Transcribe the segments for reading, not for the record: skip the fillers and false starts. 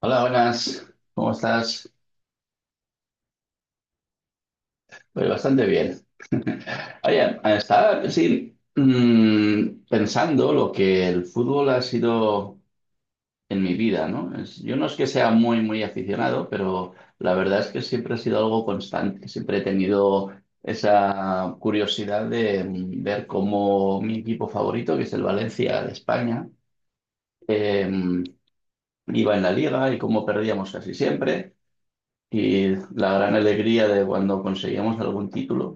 Hola, buenas. ¿Cómo estás? Pues bastante bien. Oye, estaba sí, pensando lo que el fútbol ha sido en mi vida, ¿no? Yo no es que sea muy, muy aficionado, pero la verdad es que siempre ha sido algo constante. Siempre he tenido esa curiosidad de ver cómo mi equipo favorito, que es el Valencia de España, em, iba en la liga y cómo perdíamos casi siempre. Y la gran alegría de cuando conseguíamos algún título,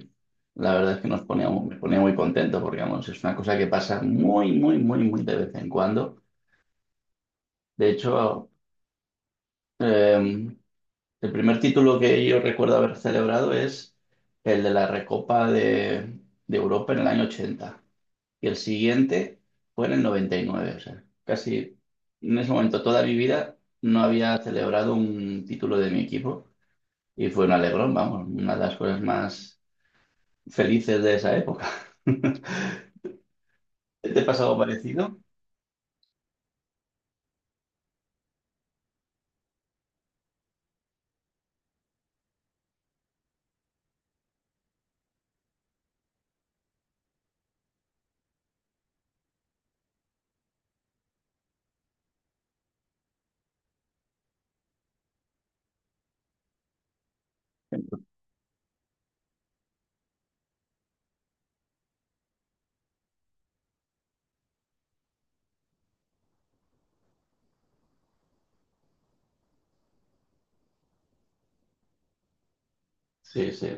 la verdad es que nos ponía, me ponía muy contento porque vamos, es una cosa que pasa muy, muy, muy, muy de vez en cuando. De hecho, eh, el primer título que yo recuerdo haber celebrado es el de la Recopa de Europa en el año 80 y el siguiente fue en el noventa y nueve. O sea, casi en ese momento toda mi vida no había celebrado un título de mi equipo y fue un alegrón, vamos, una de las cosas más felices de esa época. ¿Te ha pasado parecido? Sí, sí.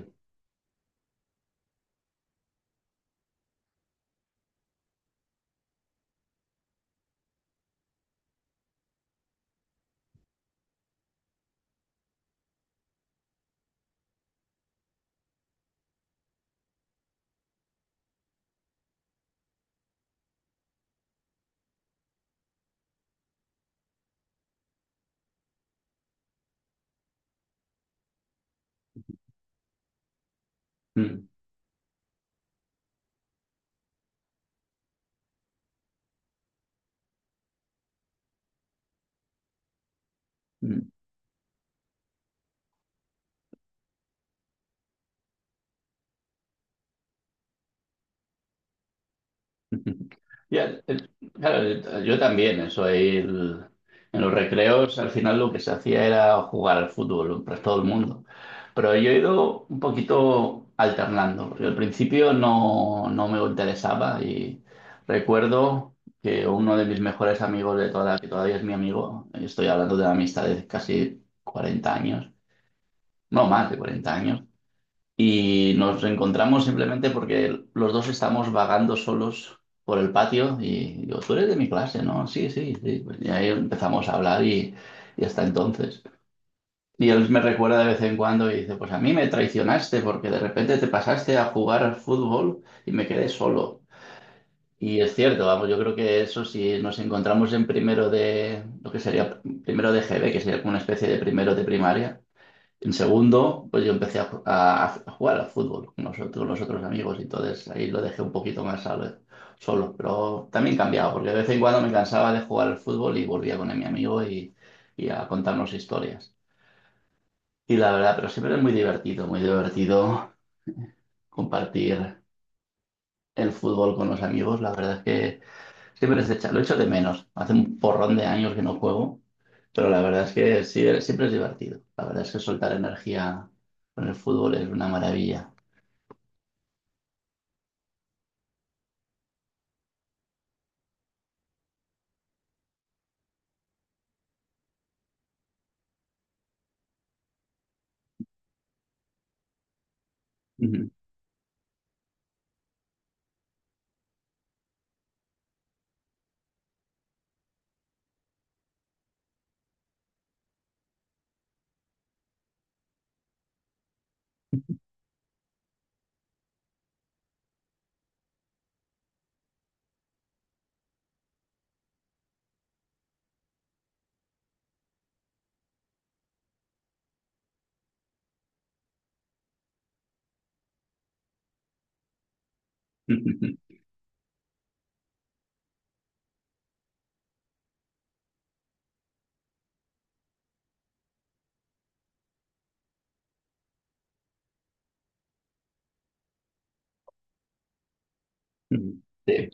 Mm, mm. Ya, claro, yo también, eso ahí en los recreos al final lo que se hacía era jugar al fútbol, pues todo el mundo. Pero yo he ido un poquito alternando, porque al principio no me interesaba y recuerdo que uno de mis mejores amigos de toda que todavía es mi amigo, estoy hablando de una amistad de casi 40 años, no más de 40 años, y nos reencontramos simplemente porque los dos estamos vagando solos por el patio y tú eres de mi clase, ¿no? Sí, sí, sí. Pues y ahí empezamos a hablar y hasta entonces. Y él me recuerda de vez en cuando y dice, pues a mí me traicionaste porque de repente te pasaste a jugar al fútbol y me quedé solo. Y es cierto, vamos, yo creo que eso si nos encontramos en primero lo que sería primero de GB, que sería como una especie de primero de primaria. En segundo, pues yo empecé a jugar al fútbol con los otros amigos y entonces ahí lo dejé un poquito más solo, solo. Pero también cambiaba, porque de vez en cuando me cansaba de jugar al fútbol y volvía con mi amigo y a contarnos historias. Y la verdad, pero siempre es muy divertido compartir el fútbol con los amigos. La verdad es que siempre es lo echo de menos. Hace un porrón de años que no juego, pero la verdad es que sí, siempre es divertido. La verdad es que soltar energía con el fútbol es una maravilla. Ujú, ujú, ujú. Sí.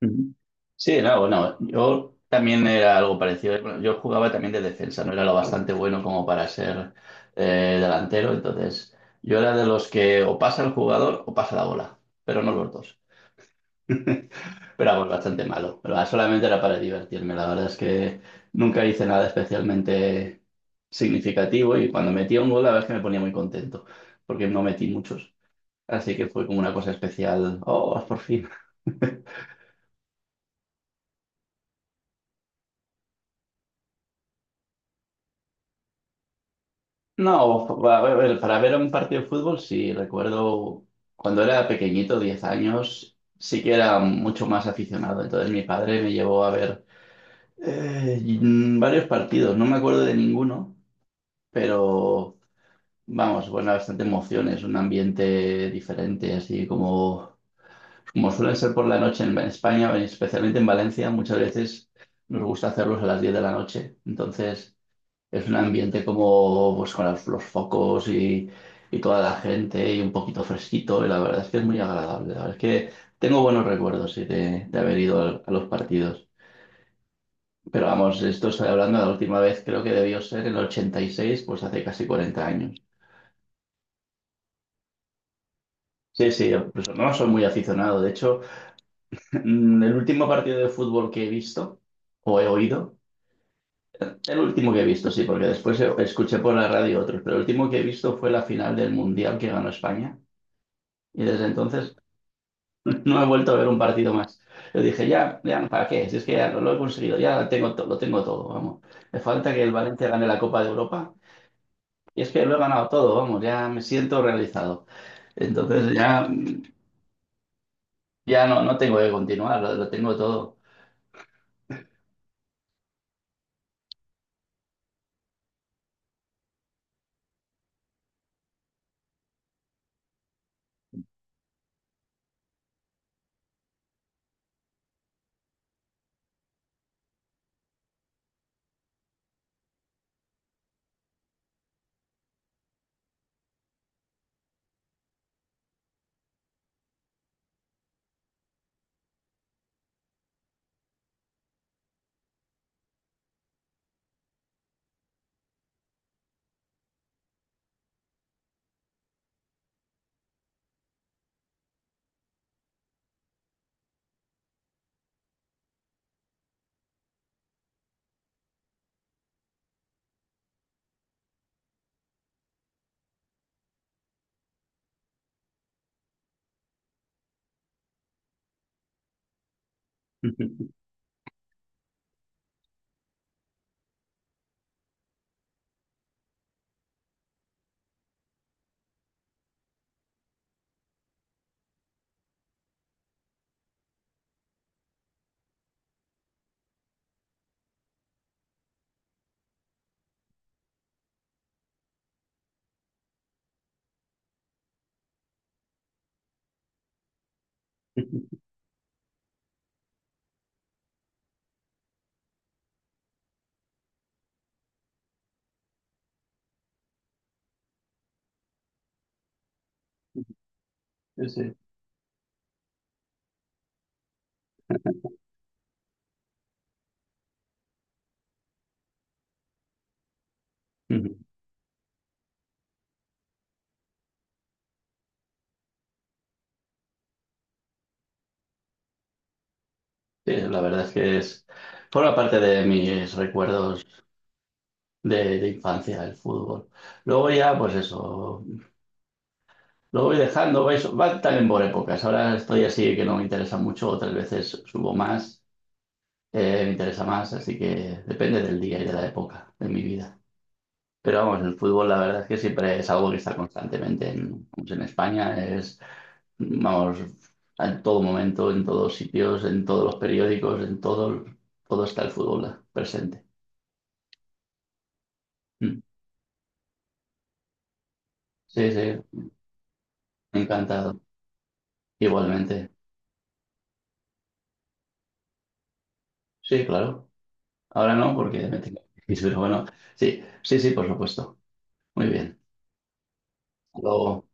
Ujú. Sí, no, bueno, yo también era algo parecido. Bueno, yo jugaba también de defensa, no era lo bastante bueno como para ser delantero, entonces yo era de los que o pasa el jugador o pasa la bola, pero no los dos. Pero algo bastante malo, pero ah, solamente era para divertirme. La verdad es que nunca hice nada especialmente significativo y cuando metía un gol, la verdad es que me ponía muy contento, porque no metí muchos. Así que fue como una cosa especial. Oh, por fin. No, para ver un partido de fútbol, sí, recuerdo cuando era pequeñito, 10 años, sí que era mucho más aficionado. Entonces mi padre me llevó a ver varios partidos, no me acuerdo de ninguno, pero vamos, bueno, bastante emociones, un ambiente diferente, así como suelen ser por la noche en España, especialmente en Valencia, muchas veces nos gusta hacerlos a las 10 de la noche. Entonces, es un ambiente como pues con los focos y toda la gente y un poquito fresquito y la verdad es que es muy agradable. La verdad es que tengo buenos recuerdos sí, de haber ido los partidos. Pero vamos, esto estoy hablando de la última vez, creo que debió ser en el 86 pues hace casi 40 años. Sí, sí, yo, pues, no soy muy aficionado. De hecho, el último partido de fútbol que he visto o he oído, el último que he visto, sí, porque después escuché por la radio otros, pero el último que he visto fue la final del Mundial que ganó España. Y desde entonces no he vuelto a ver un partido más. Yo dije, ya, ya, ¿para qué? Si es que ya lo he conseguido, ya tengo lo tengo todo, vamos. Me falta que el Valencia gane la Copa de Europa. Y es que lo he ganado todo, vamos, ya me siento realizado. Entonces ya, ya no tengo que continuar, lo tengo todo. Sí, sí. Ujú. Sí, la verdad es que forma parte de mis recuerdos de infancia, el fútbol. Luego ya, pues eso, lo voy dejando, va también por épocas. Ahora estoy así que no me interesa mucho, otras veces subo más, me interesa más, así que depende del día y de la época de mi vida. Pero vamos, el fútbol la verdad es que siempre es algo que está constantemente vamos, en España, es, vamos, en todo momento, en todos sitios, en todos los periódicos, en todo está el fútbol presente. Mm. Sí, sí, encantado. Igualmente. Sí, claro. Ahora no, porque me tengo que ir, pero bueno, sí, sí, sí, por supuesto. Muy bien. Lo,